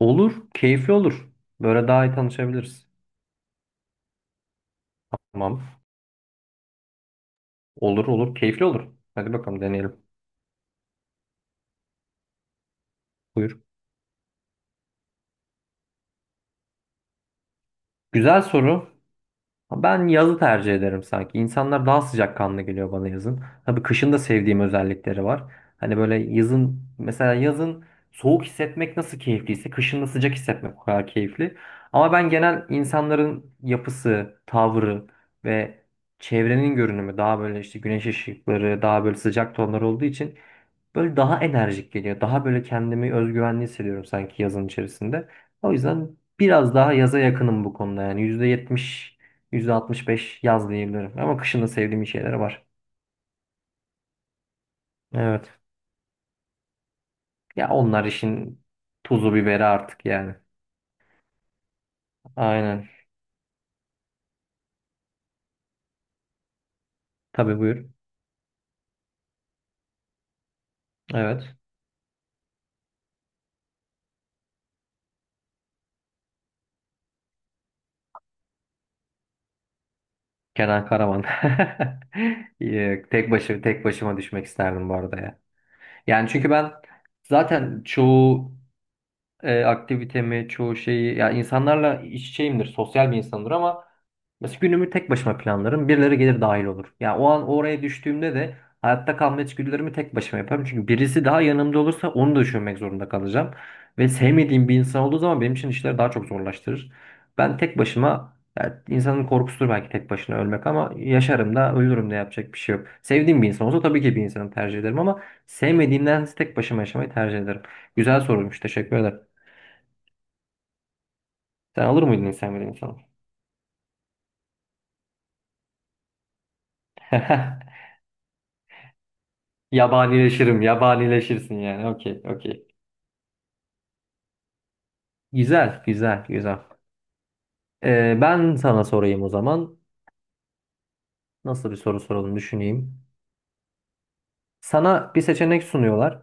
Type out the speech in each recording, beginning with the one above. Olur, keyifli olur. Böyle daha iyi tanışabiliriz. Tamam. Olur olur, keyifli olur. Hadi bakalım deneyelim. Buyur. Güzel soru. Ben yazı tercih ederim sanki. İnsanlar daha sıcakkanlı geliyor bana yazın. Tabii kışın da sevdiğim özellikleri var. Hani böyle yazın mesela yazın soğuk hissetmek nasıl keyifliyse kışın da sıcak hissetmek o kadar keyifli. Ama ben genel insanların yapısı, tavrı ve çevrenin görünümü daha böyle işte güneş ışıkları, daha böyle sıcak tonlar olduğu için böyle daha enerjik geliyor. Daha böyle kendimi özgüvenli hissediyorum sanki yazın içerisinde. O yüzden biraz daha yaza yakınım bu konuda yani. %70, yüzde altmış beş yaz diyebilirim. Ama kışın da sevdiğim şeyler var. Evet. Ya onlar işin tuzu biberi artık yani. Aynen. Tabii buyur. Evet. Kenan Karaman. Yok, tek başıma düşmek isterdim bu arada ya. Yani çünkü ben zaten çoğu aktivitemi, çoğu şeyi ya insanlarla iç içeyimdir, sosyal bir insandır ama mesela günümü tek başıma planlarım. Birileri gelir dahil olur. Yani o an oraya düştüğümde de hayatta kalma içgüdülerimi tek başıma yaparım. Çünkü birisi daha yanımda olursa onu da düşünmek zorunda kalacağım. Ve sevmediğim bir insan olduğu zaman benim için işleri daha çok zorlaştırır. Ben tek başıma yani insanın korkusudur belki tek başına ölmek ama yaşarım da ölürüm de yapacak bir şey yok. Sevdiğim bir insan olsa tabii ki bir insanı tercih ederim ama sevmediğimden tek başıma yaşamayı tercih ederim. Güzel sorulmuş. Teşekkür ederim. Sen olur muydun insan bilim insanı? Yabanileşirim, yabanileşirsin yani. Okey, okey. Güzel, güzel, güzel. Ben sana sorayım o zaman. Nasıl bir soru soralım düşüneyim. Sana bir seçenek sunuyorlar.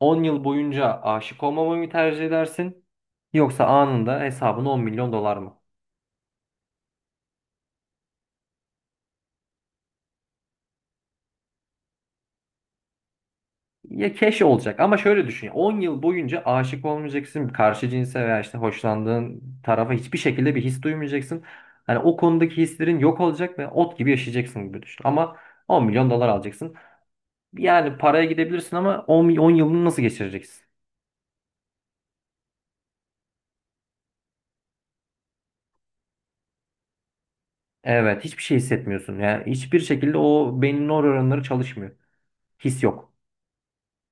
10 yıl boyunca aşık olmamayı mı tercih edersin? Yoksa anında hesabına 10 milyon dolar mı? Ya keş olacak ama şöyle düşün. Ya, 10 yıl boyunca aşık olmayacaksın. Karşı cinse veya işte hoşlandığın tarafa hiçbir şekilde bir his duymayacaksın. Hani o konudaki hislerin yok olacak ve ot gibi yaşayacaksın gibi düşün. Ama 10 milyon dolar alacaksın. Yani paraya gidebilirsin ama 10, 10 yılını nasıl geçireceksin? Evet, hiçbir şey hissetmiyorsun. Yani hiçbir şekilde o beynin nöronları çalışmıyor. His yok.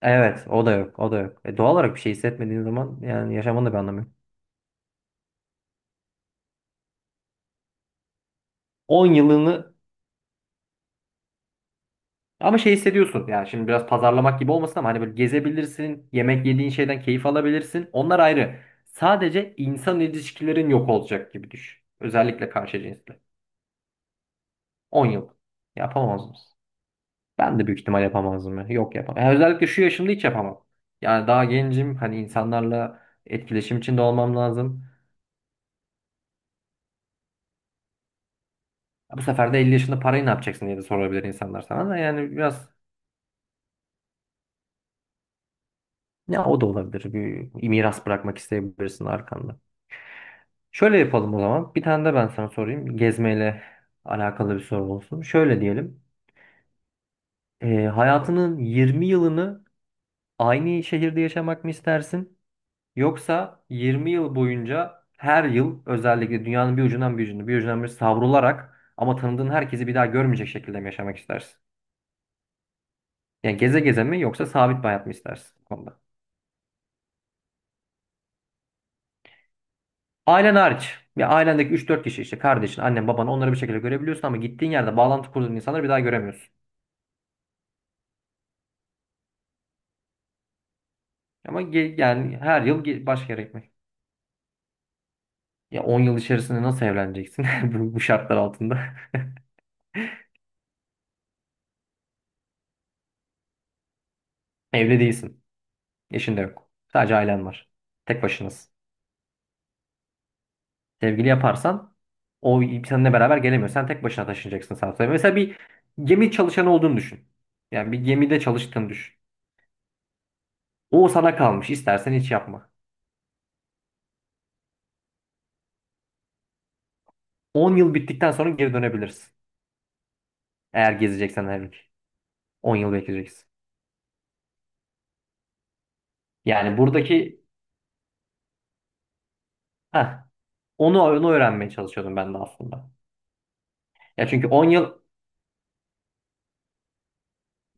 Evet, o da yok, o da yok. Doğal olarak bir şey hissetmediğin zaman yani yaşamanın da bir anlamı yok. 10 yılını. Ama şey hissediyorsun yani şimdi biraz pazarlamak gibi olmasın ama hani böyle gezebilirsin, yemek yediğin şeyden keyif alabilirsin. Onlar ayrı. Sadece insan ilişkilerin yok olacak gibi düşün. Özellikle karşı cinsle. 10 yıl. Yapamaz mısın? Ben de büyük ihtimal yapamazdım ya. Yok, yapamam. Yani özellikle şu yaşımda hiç yapamam. Yani daha gencim. Hani insanlarla etkileşim içinde olmam lazım. Bu sefer de 50 yaşında parayı ne yapacaksın diye de sorabilir insanlar sana da. Yani biraz ya o da olabilir. Bir miras bırakmak isteyebilirsin arkanda. Şöyle yapalım o zaman. Bir tane de ben sana sorayım. Gezmeyle alakalı bir soru olsun. Şöyle diyelim. Hayatının 20 yılını aynı şehirde yaşamak mı istersin? Yoksa 20 yıl boyunca her yıl özellikle dünyanın bir ucundan bir ucuna bir ucundan bir savrularak ama tanıdığın herkesi bir daha görmeyecek şekilde mi yaşamak istersin? Yani geze geze mi yoksa sabit bir hayat mı istersin bu konuda? Ailen hariç. Bir ailendeki üç dört kişi işte kardeşin, annen, baban onları bir şekilde görebiliyorsun ama gittiğin yerde bağlantı kurduğun insanları bir daha göremiyorsun. Ama yani her yıl başka yere gitmek. Ya 10 yıl içerisinde nasıl evleneceksin bu şartlar altında? Evli değilsin. Eşin de yok. Sadece ailen var. Tek başınız. Sevgili yaparsan o seninle beraber gelemiyor. Sen tek başına taşınacaksın sadece. Mesela bir gemi çalışanı olduğunu düşün. Yani bir gemide çalıştığını düşün. O sana kalmış. İstersen hiç yapma. 10 yıl bittikten sonra geri dönebilirsin. Eğer gezeceksen her ülke. 10 yıl bekleyeceksin. Yani buradaki. Heh, onu öğrenmeye çalışıyordum ben de aslında. Ya çünkü 10 yıl.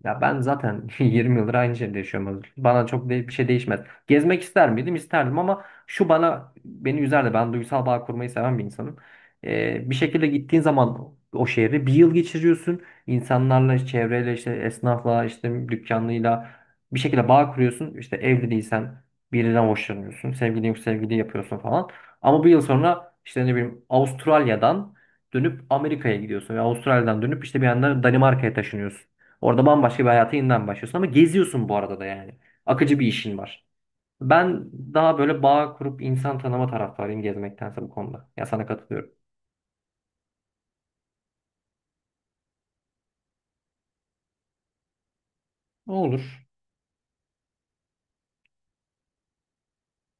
Ya ben zaten 20 yıldır aynı şeyde yaşıyorum. Özgür. Bana çok bir şey değişmez. Gezmek ister miydim? İsterdim ama şu bana beni üzerdi. Ben duygusal bağ kurmayı seven bir insanım. Bir şekilde gittiğin zaman o şehre bir yıl geçiriyorsun. İnsanlarla, işte çevreyle, işte esnafla, işte dükkanlıyla bir şekilde bağ kuruyorsun. İşte evli değilsen birinden hoşlanıyorsun. Sevgilin yok, sevgili yapıyorsun falan. Ama bir yıl sonra işte ne bileyim Avustralya'dan dönüp Amerika'ya gidiyorsun. Ve Avustralya'dan dönüp işte bir anda Danimarka'ya taşınıyorsun. Orada bambaşka bir hayata yeniden başlıyorsun ama geziyorsun bu arada da yani. Akıcı bir işin var. Ben daha böyle bağ kurup insan tanıma taraftarıyım gezmektense bu konuda. Ya sana katılıyorum. Olur.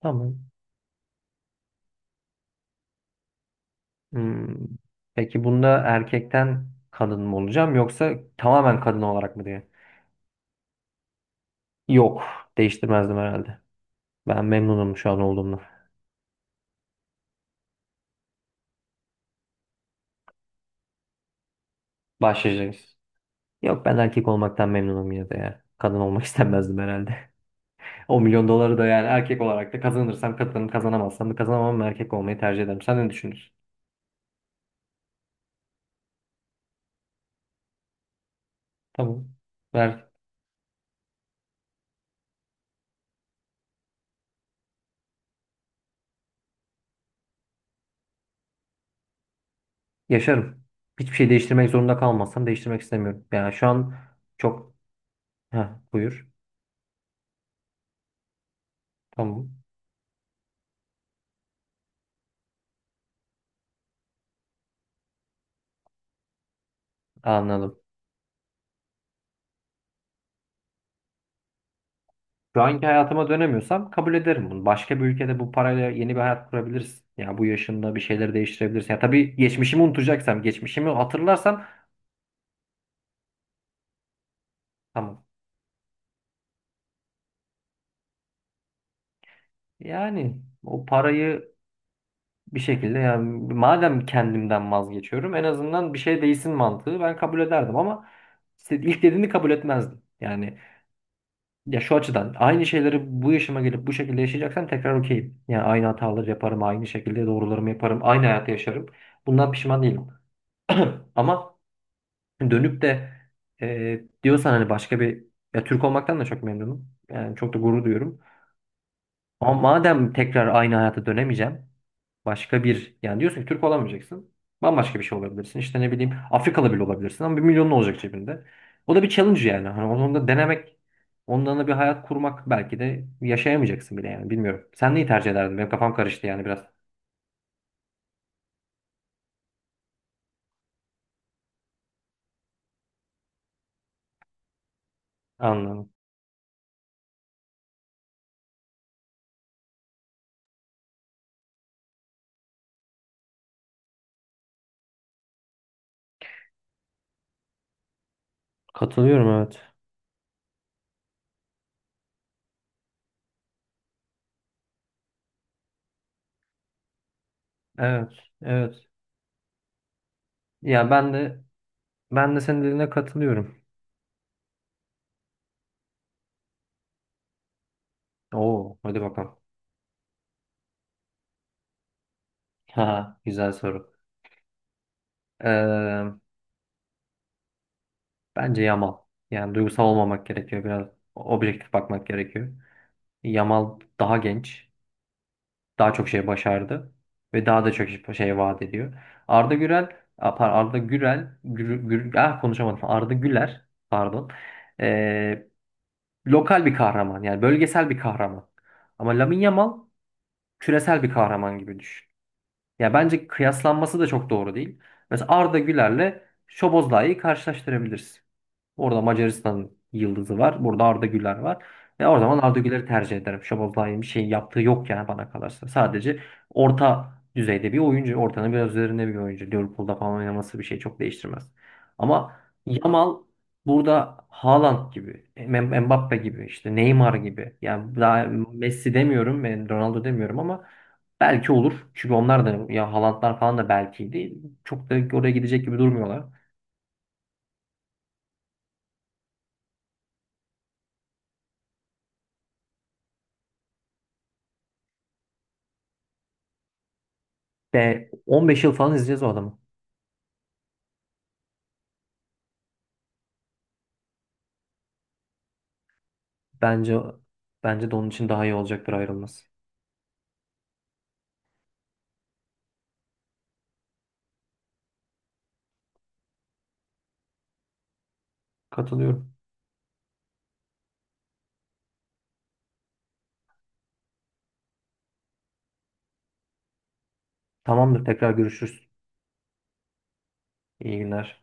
Tamam. Hmm. Peki bunda erkekten kadın mı olacağım yoksa tamamen kadın olarak mı diye? Yok. Değiştirmezdim herhalde. Ben memnunum şu an olduğumla. Başlayacağız. Yok, ben erkek olmaktan memnunum yine de ya. Kadın olmak istemezdim herhalde. O milyon doları da yani erkek olarak da kazanırsam kazanırım, kazanamazsam da kazanamam, erkek olmayı tercih ederim. Sen ne düşünürsün? Tamam. Ver. Yaşarım. Hiçbir şey değiştirmek zorunda kalmazsam değiştirmek istemiyorum. Yani şu an çok... Heh, Buyur. Tamam. Anladım. Şu anki hayatıma dönemiyorsam kabul ederim bunu. Başka bir ülkede bu parayla yeni bir hayat kurabilirsin. Ya bu yaşında bir şeyleri değiştirebilirsin. Ya tabii geçmişimi unutacaksam, geçmişimi hatırlarsam tamam. Yani o parayı bir şekilde yani madem kendimden vazgeçiyorum en azından bir şey değilsin mantığı ben kabul ederdim ama işte ilk dediğini kabul etmezdim. Yani ya şu açıdan aynı şeyleri bu yaşıma gelip bu şekilde yaşayacaksam tekrar okeyim. Yani aynı hataları yaparım, aynı şekilde doğrularımı yaparım, aynı hayatı yaşarım. Bundan pişman değilim. Ama dönüp de diyorsan hani başka bir, ya Türk olmaktan da çok memnunum. Yani çok da gurur duyuyorum. Ama madem tekrar aynı hayata dönemeyeceğim başka bir, yani diyorsun ki Türk olamayacaksın. Bambaşka bir şey olabilirsin. İşte ne bileyim Afrikalı bile olabilirsin ama bir milyonun olacak cebinde. O da bir challenge yani. Hani onu da denemek, ondan da bir hayat kurmak belki de yaşayamayacaksın bile yani bilmiyorum. Sen neyi tercih ederdin? Benim kafam karıştı yani biraz. Anladım. Katılıyorum, evet. Evet, evet. Ya ben de senin dediğine katılıyorum. Oo, hadi bakalım. Ha, güzel soru. Ee, Bence Yamal. Yani duygusal olmamak gerekiyor biraz. Objektif bakmak gerekiyor. Yamal daha genç, daha çok şey başardı ve daha da çok şey vaat ediyor. Arda Gürel, Arda Gürel, ah, konuşamadım. Arda Güler, pardon. Ee, Lokal bir kahraman yani bölgesel bir kahraman. Ama Lamine Yamal küresel bir kahraman gibi düşün. Ya bence kıyaslanması da çok doğru değil. Mesela Arda Güler'le Şoboz Lai'yi karşılaştırabilirsin. Orada Macaristan yıldızı var. Burada Arda Güler var. Ve o zaman Arda Güler'i tercih ederim. Şabozday'ın bir şey yaptığı yok yani bana kalırsa. Sadece orta düzeyde bir oyuncu. Ortanın biraz üzerinde bir oyuncu. Liverpool'da falan oynaması bir şey çok değiştirmez. Ama Yamal burada Haaland gibi, Mbappe gibi, işte Neymar gibi. Yani daha Messi demiyorum, ben Ronaldo demiyorum ama belki olur. Çünkü onlar da ya Haalandlar falan da belkiydi. Çok da oraya gidecek gibi durmuyorlar. Ve 15 yıl falan izleyeceğiz o adamı. Bence bence de onun için daha iyi olacaktır ayrılması. Katılıyorum. Tamamdır, tekrar görüşürüz. İyi günler.